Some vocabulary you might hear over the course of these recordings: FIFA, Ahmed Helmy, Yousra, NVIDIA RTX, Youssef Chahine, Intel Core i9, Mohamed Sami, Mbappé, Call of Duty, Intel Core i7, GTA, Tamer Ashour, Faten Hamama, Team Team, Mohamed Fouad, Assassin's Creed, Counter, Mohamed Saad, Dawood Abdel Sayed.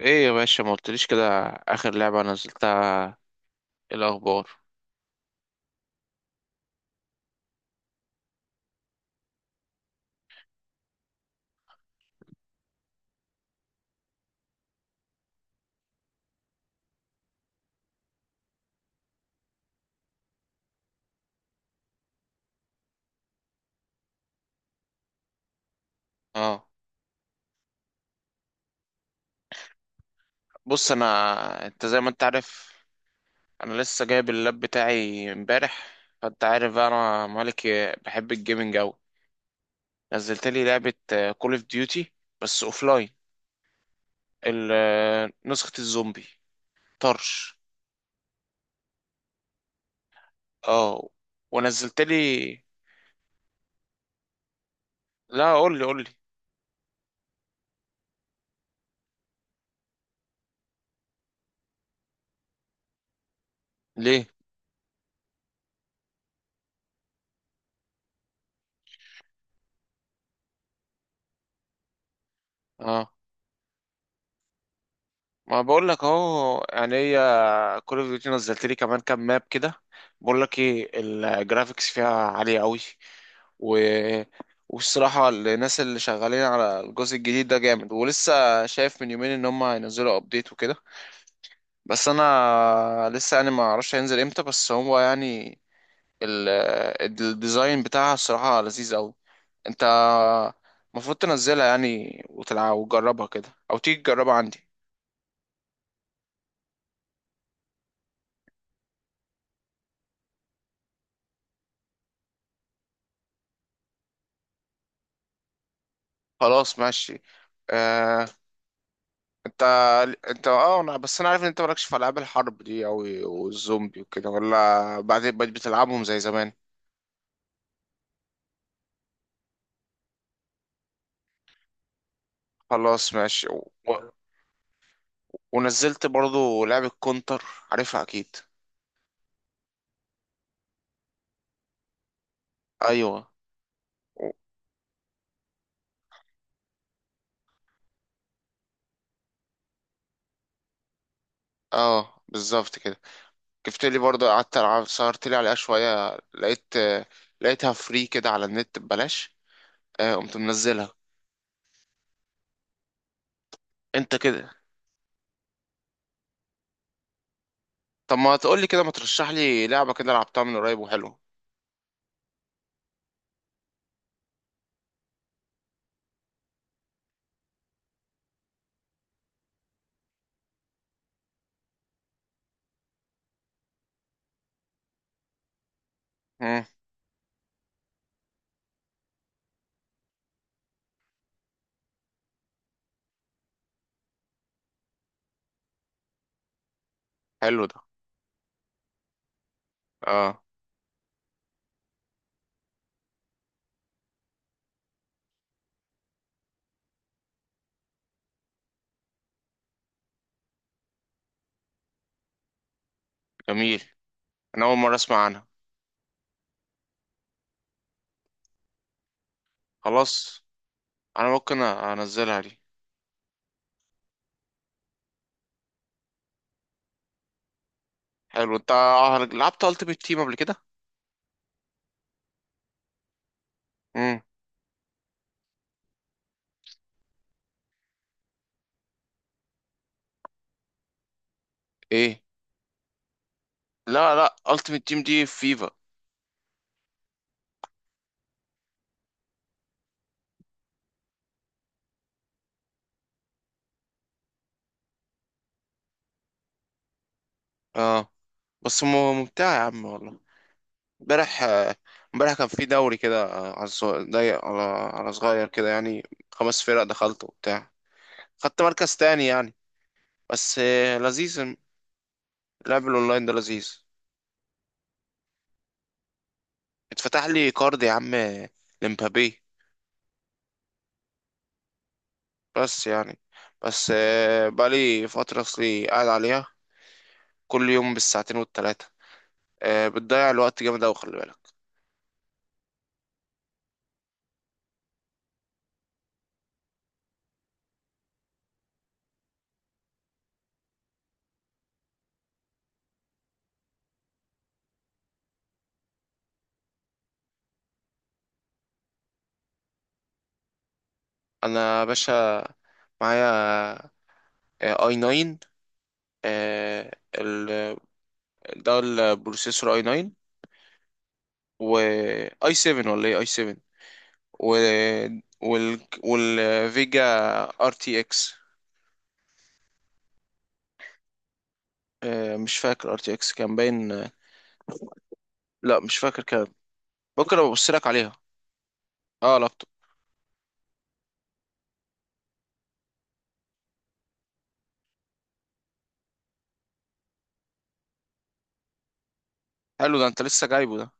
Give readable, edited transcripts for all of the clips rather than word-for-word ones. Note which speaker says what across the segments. Speaker 1: ايه يا باشا ما قلتليش كده. اخر لعبة نزلتها. إيه الاخبار؟ اه، بص. انا زي ما انت عارف، انا لسه جايب اللاب بتاعي امبارح، فانت عارف بقى انا مالك بحب الجيمنج اوي. نزلت لي لعبة كول اوف ديوتي، بس اوفلاين، نسخة الزومبي طرش. اه، ونزلت لي. لا قول لي قول لي ليه. ما بقول لك اهو، يعني هي كول اوف ديوتي نزلت لي كمان كام ماب كده. بقول لك ايه، الجرافيكس فيها عاليه قوي، و... والصراحه الناس اللي شغالين على الجزء الجديد ده جامد، ولسه شايف من يومين ان هم هينزلوا ابديت وكده. بس انا لسه يعني ما اعرفش هينزل امتى، بس هو يعني ال... الديزاين بتاعها الصراحه لذيذ قوي. انت المفروض تنزلها يعني وتلعب وتجربها كده، او تيجي تجربها عندي. خلاص ماشي. آه، انت انت اه، انا بس انا عارف ان انت مالكش في العاب الحرب دي اوي والزومبي وكده، ولا بعدين بقيت بتلعبهم زي زمان؟ خلاص ماشي ونزلت برضو لعبة كونتر، عارفها اكيد. ايوه. و- اه بالظبط كده. جبت لي برضو قعدت العب، سهرت لي عليها شوية، لقيتها فري كده على النت ببلاش. قمت منزلها. انت كده. طب ما تقول لي كده، ما ترشح لي لعبة كده لعبتها من قريب وحلوه. مم، حلو ده. اه، جميل، انا اول مره اسمع عنها. خلاص، انا ممكن انزلها دي. حلو. انت لعبت التيمت تيم قبل كده؟ امم. ايه؟ لا لا، التيمت تيم دي في فيفا. اه، بس م- ممتعه يا عم والله. امبارح امبارح كان في دوري كده ضيق، على على صغير كده يعني. خمس فرق دخلت وبتاع، خدت مركز تاني يعني. بس لذيذ، اللعب الاونلاين ده لذيذ. اتفتح لي كارد يا عم، لمبابي. بس يعني، بس بقالي فترة أصلي قاعد عليها كل يوم بالساعتين والتلاتة. بتضيع الوقت جامد أوي، خلي بالك. أنا يا باشا معايا اي 9، ال ده البروسيسور اي 9، و اي 7 ولا ايه، اي 7، و والفيجا ار تي اكس. مش فاكر ار تي اكس كان باين. لا مش فاكر، كان ممكن ابقى ابص لك عليها. اه، لابتوب. حلو ده، انت لسه جايبه ده؟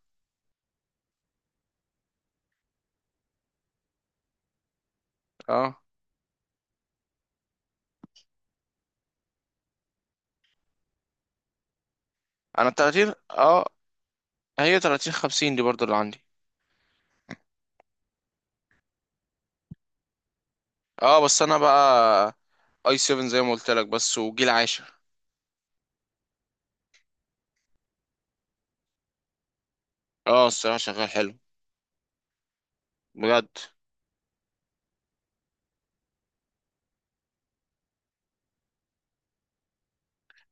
Speaker 1: اه، انا التلاتين اه، هي تلاتين خمسين دي برضو اللي عندي. اه، بس انا بقى اي 7 زي ما قلت لك، بس وجيل عاشر. اه، الصراحه شغال حلو بجد.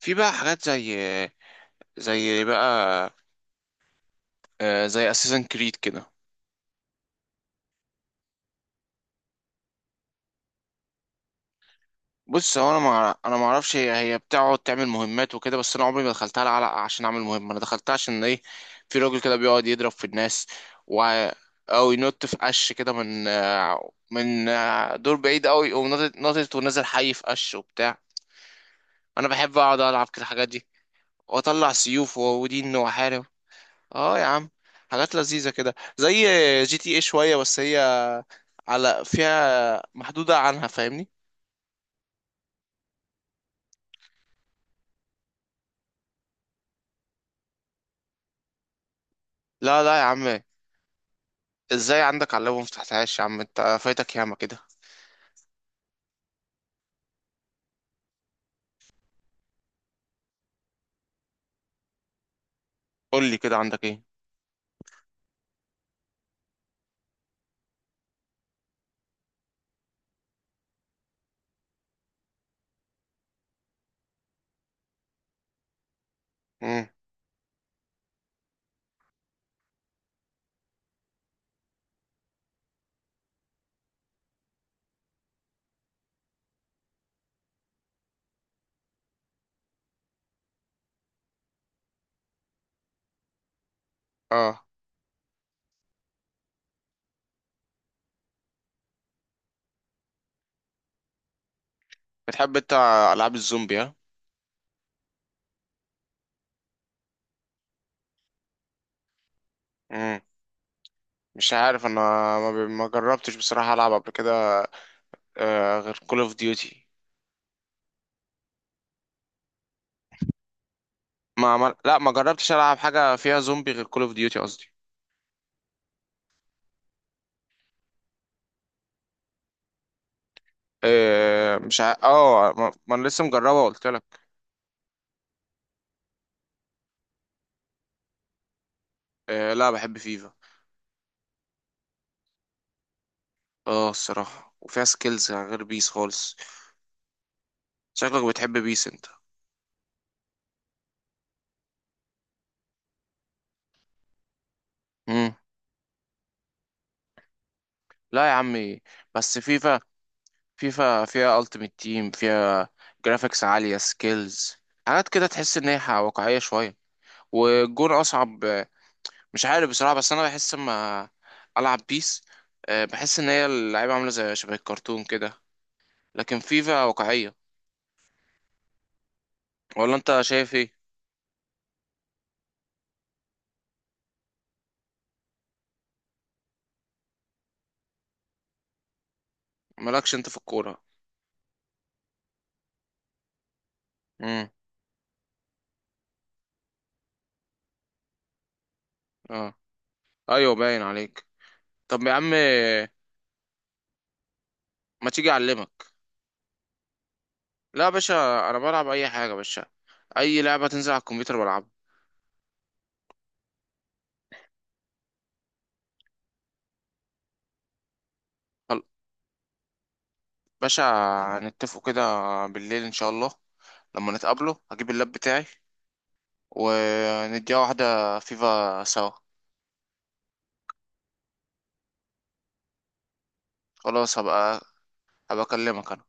Speaker 1: في بقى حاجات زي، زي بقى آه، زي اساسن كريد كده. بص هو انا ما اعرفش، هي بتقعد تعمل مهمات وكده، بس انا عمري ما دخلتها على عشان اعمل مهمه. انا دخلتها عشان ايه؟ في راجل كده بيقعد يضرب في الناس و او ينط في قش كده من دور بعيد قوي، يقوم ناطط ونازل حي في قش وبتاع. انا بحب اقعد العب كده الحاجات دي، واطلع سيوف ودين واحارب. اه يا عم، حاجات لذيذة كده زي جي تي ايه شوية، بس هي على فيها محدودة عنها، فاهمني؟ لا لا يا عم، ازاي عندك على اللاب مفتحتهاش؟ يا عم انت فايتك ياما كده. قول لي كده، عندك ايه؟ امم، اه. بتحب انت العاب الزومبي، ها؟ امم، مش عارف انا. ما جربتش بصراحة العب قبل كده آه، غير كول اوف ديوتي. ما عمل... لا ما جربتش العب حاجة فيها زومبي غير كول اوف ديوتي قصدي. آه مش ع... اه، ما انا لسه مجربها قلت لك. آه، لا بحب فيفا. اه، الصراحه وفيها سكيلز غير بيس خالص. شكلك بتحب بيس انت. مم. لا يا عمي، بس فيفا. فيها التيمت تيم، فيها جرافيكس عاليه، سكيلز، حاجات كده تحس ان هي واقعيه شويه، والجون اصعب. مش عارف بصراحه، بس انا بحس اما العب بيس بحس ان هي اللعيبه عامله زي شبه الكرتون كده، لكن فيفا واقعيه. ولا انت شايف ايه؟ مالكش انت في الكوره؟ امم، اه. ايوه، باين عليك. طب يا عم، ما تيجي اعلمك. لا يا باشا، انا بلعب اي حاجه يا باشا، اي لعبه تنزل على الكمبيوتر بلعبها. خل- باشا، هنتفقوا كده بالليل ان شاء الله، لما نتقابله هجيب اللاب بتاعي، ونديها واحده فيفا سوا. خلاص، هبقى اكلمك انا.